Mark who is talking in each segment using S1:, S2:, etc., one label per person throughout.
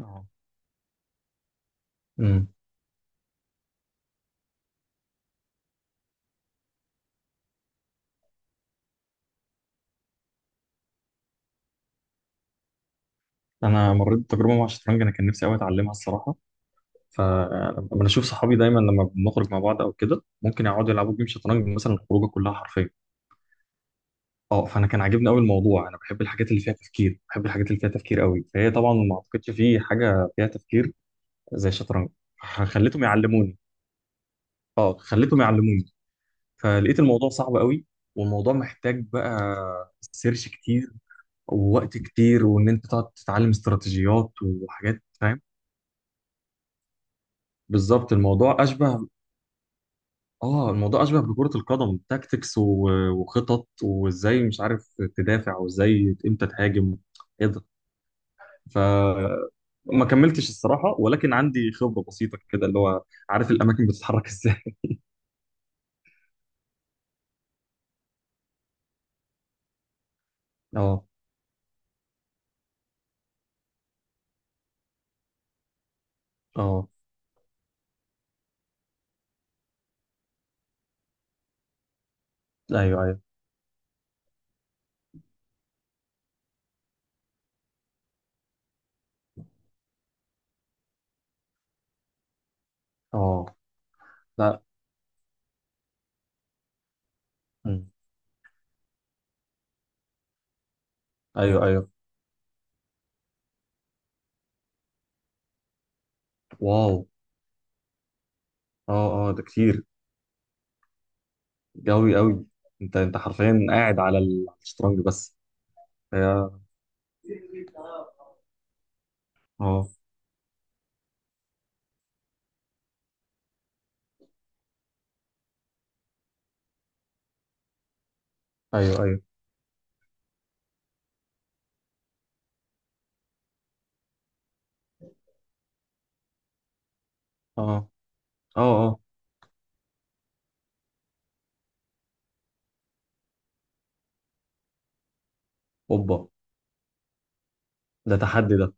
S1: اه. امم انا مريت بتجربه مع الشطرنج، انا كان نفسي قوي اتعلمها الصراحه. فلما بشوف صحابي، دايما لما بنخرج مع بعض او كده ممكن يقعدوا يلعبوا جيم شطرنج، مثلا الخروجه كلها حرفيا. اه، فانا كان عاجبني قوي الموضوع، انا بحب الحاجات اللي فيها تفكير، بحب الحاجات اللي فيها تفكير قوي. فهي طبعا ما اعتقدش في حاجه فيها تفكير زي الشطرنج. خليتهم يعلموني. اه، خليتهم يعلموني، فلقيت الموضوع صعب قوي. والموضوع محتاج بقى سيرش كتير ووقت كتير، وان انت تقعد تتعلم استراتيجيات وحاجات، فاهم؟ بالظبط، الموضوع اشبه. اه، الموضوع اشبه بكرة القدم، تاكتكس و- وخطط، وازاي مش عارف تدافع، وازاي امتى تهاجم كده. ف ما كملتش الصراحة، ولكن عندي خبرة بسيطة كده، اللي هو عارف الاماكن بتتحرك ازاي. اه، اه، ايوه، ايوه، اه، لا. مم. ايوه، ايوه، واو، اه، اه، ده كتير، قوي قوي. انت حرفيا قاعد على على الشطرنج بس. هي- اه، ايوه، ايوه، اه، اه، اه، اوبا، ده تحدي ده،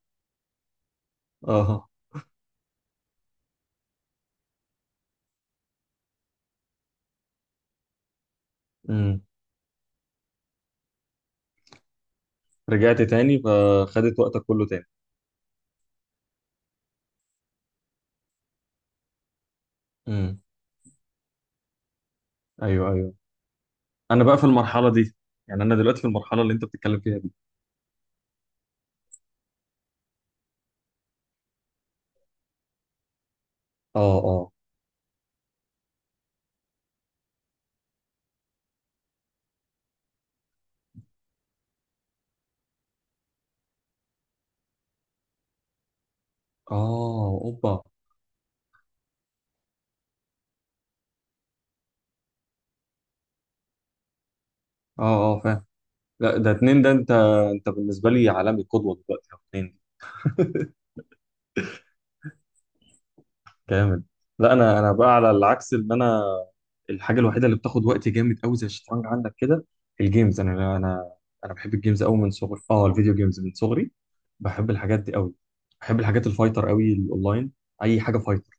S1: اه، امم. رجعت تاني فخدت وقتك كله تاني. امم، ايوه، ايوه، انا بقى في المرحله دي، يعني انا دلوقتي في المرحله اللي انت بتتكلم فيها دي. اه، اه، اه، اوبا، اه، اه، فاهم. لا، ده اتنين ده. انت بالنسبه لي عالمي، قدوه دلوقتي اتنين. جامد. لا، انا بقى على العكس، ان انا الحاجه الوحيده اللي بتاخد وقت جامد قوي زي الشطرنج عندك كده، الجيمز. انا بحب الجيمز قوي من صغري، اه الفيديو جيمز من صغري. بحب الحاجات دي قوي، بحب الحاجات الفايتر قوي، الاونلاين، اي حاجه فايتر.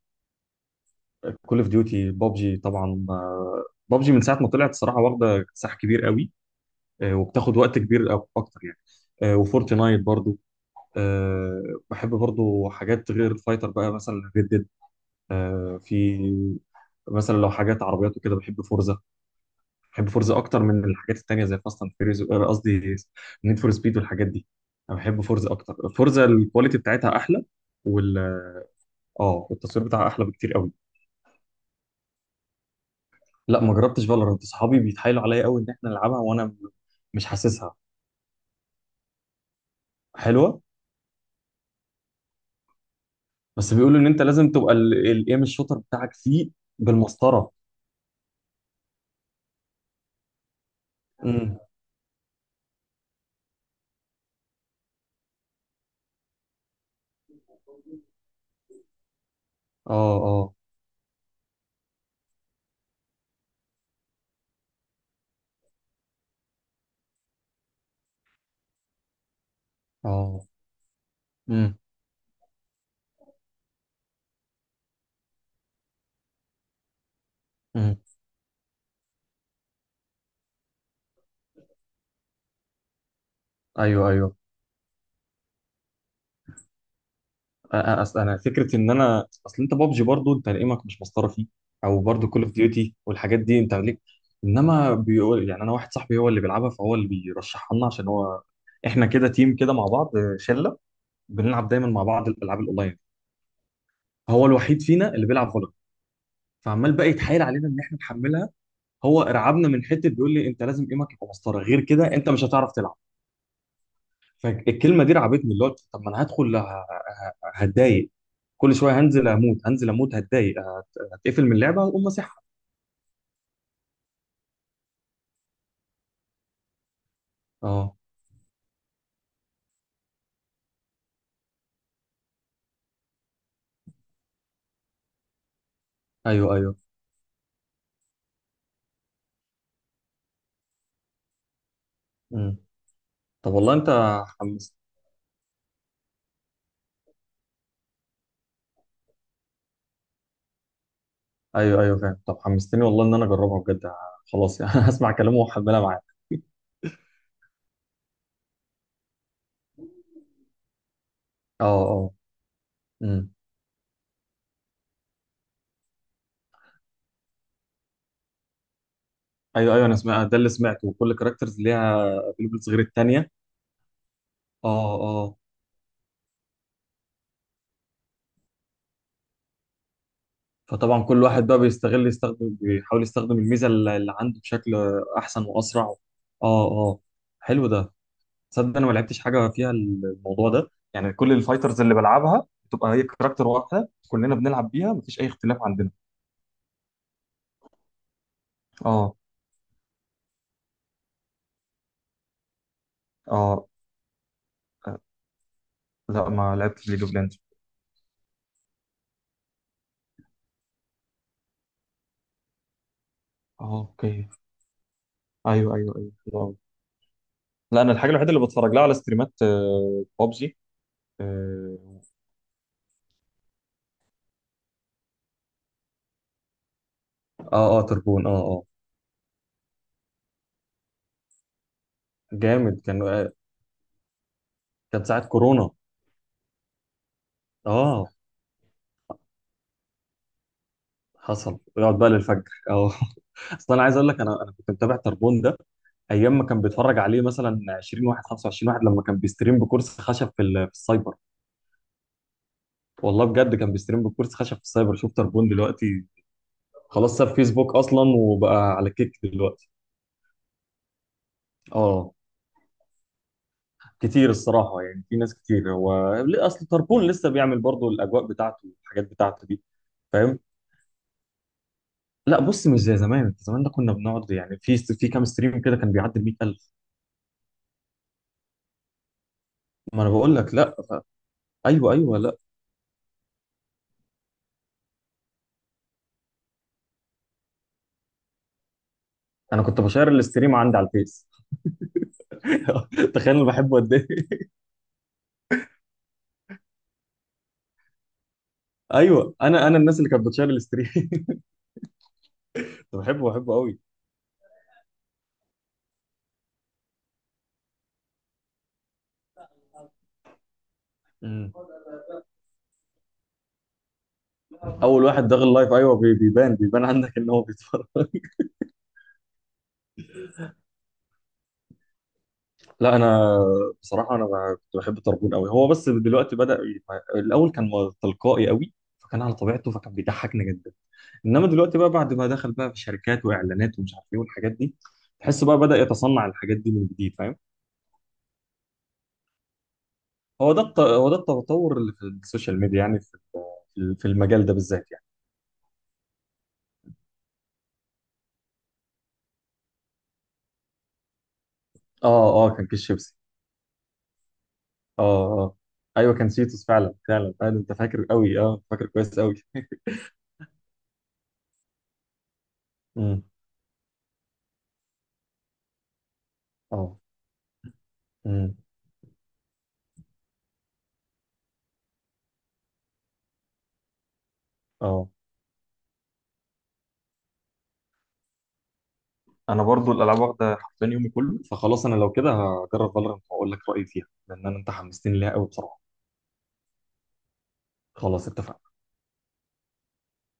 S1: كول اوف ديوتي، بابجي طبعا. آه، بابجي من ساعه ما طلعت الصراحه واخده ساح كبير قوي. آه، وبتاخد وقت كبير، اكتر يعني. آه، وفورتنايت برضو. آه، بحب برضو حاجات غير الفايتر بقى، مثلا ريد ديد. في مثلا لو حاجات عربيات وكده بحب فورزا. بحب فورزا اكتر من الحاجات التانية، زي فاست اند فيريز، قصدي نيد فور سبيد والحاجات دي. انا بحب فورزا اكتر، فورزا الكواليتي بتاعتها احلى. وال اه التصوير بتاعها احلى بكتير قوي. لا، ما جربتش فالورانت، صحابي بيتحايلوا عليا قوي ان احنا نلعبها، مش حاسسها. حلوه. بس بيقولوا ان انت لازم تبقى الايم الشوتر بتاعك فيه بالمسطره. امم، اه، اه، اه، امم، امم، ايوه، ايوه. اصل انا فكره ان انا، اصل انت بابجي برضو انت ايمك مش مسطره فيه، او برضو كول اوف ديوتي والحاجات دي انت ليك. انما بيقول، يعني انا واحد صاحبي هو اللي بيلعبها، فهو اللي بيرشحها لنا، عشان هو احنا كده تيم كده مع بعض، شله، بنلعب دايما مع بعض الالعاب الاونلاين. هو الوحيد فينا اللي بيلعب فالورانت، فعمال بقى يتحايل علينا ان احنا نحملها. هو رعبنا من حته، بيقول لي انت لازم ايمك يبقى مسطره، غير كده انت مش هتعرف تلعب. فالكلمه دي رعبتني، اللي هو طب ما انا هدخل، هتضايق، كل شويه هنزل اموت، هنزل اموت، هتضايق، هتقفل من اللعبه واقوم ماسحها. اه، ايوه، ايوه، امم، طب والله انت حمست. ايوه، ايوه، فاهم، طب حمستني والله ان انا اجربها بجد، خلاص يعني. هسمع كلامه واحملها معايا. اه، اه، امم، ايوه، ايوه، انا سمعت ده اللي سمعته، وكل كاركترز ليها ابيلبلز غير التانيه. اه، اه، فطبعا كل واحد بقى بيستغل، يستخدم، بيحاول يستخدم الميزه اللي عنده بشكل احسن واسرع. اه، اه، حلو ده. تصدق انا ما لعبتش حاجه فيها الموضوع ده، يعني كل الفايترز اللي بلعبها بتبقى هي كاركتر واحده كلنا بنلعب بيها، مفيش اي اختلاف عندنا. اه، اه، آه، لا ما لعبتش ليج اوف ليجندز. اه، اوكي، ايوه، ايوه، ايوه، حلو أوي. لا انا الحاجه الوحيده اللي بتفرج لها على ستريمات بابجي. اه، اه، آه، تربون، اه، اه، جامد كان. آه، كان ساعه كورونا. اه، حصل يقعد بقى للفجر، اه. اصل انا عايز اقول لك، انا كنت متابع تربون ده ايام ما كان بيتفرج عليه مثلا 20 واحد 25 واحد، لما كان بيستريم بكرسي خشب في في السايبر. والله بجد كان بيستريم بكرسي خشب في السايبر، شوف تربون دلوقتي، خلاص ساب فيسبوك اصلا وبقى على كيك دلوقتي. اه، كتير الصراحه، يعني في ناس كتير. هو اصل تربون لسه بيعمل برضه الاجواء بتاعته والحاجات بتاعته دي، فاهم. لا بص، مش زي زمان. زمان ده كنا بنقعد يعني في كام ستريم كده كان بيعدي ال 100000. ما انا بقول لك. لا، ايوه، ايوه، لا انا كنت بشير الاستريم عندي على الفيس. تخيل انا بحبه قد إيه. ايوه، انا الناس اللي كانت بتشير الستريم. كنت بحبه، بحبه قوي. مم. اول واحد داخل اللايف، ايوه، بيبان، بيبان عندك ان هو بيتفرج. لا انا بصراحه، كنت بحب طربون قوي هو، بس دلوقتي بدا الاول كان تلقائي قوي، فكان على طبيعته، فكان بيضحكنا جدا. انما دلوقتي بقى بعد ما دخل بقى في شركات واعلانات ومش عارف ايه والحاجات دي، تحس بقى بدا يتصنع الحاجات دي من جديد، فاهم. هو ده التطور اللي في السوشيال ميديا، يعني في في المجال ده بالذات يعني. اه، اه، كان كيس شيبسي. اه، اه، ايوه كان سيتوس، فعلا فعلا فعلا، انت فاكر قوي، اه، فاكر كويس قوي. امم، اه، امم، اه. انا برضو الالعاب واخده حرفيا يومي كله، فخلاص انا لو كده هجرب فالورانت واقول لك رايي فيها، لان انت حمستني ليها قوي بصراحه. خلاص اتفقنا.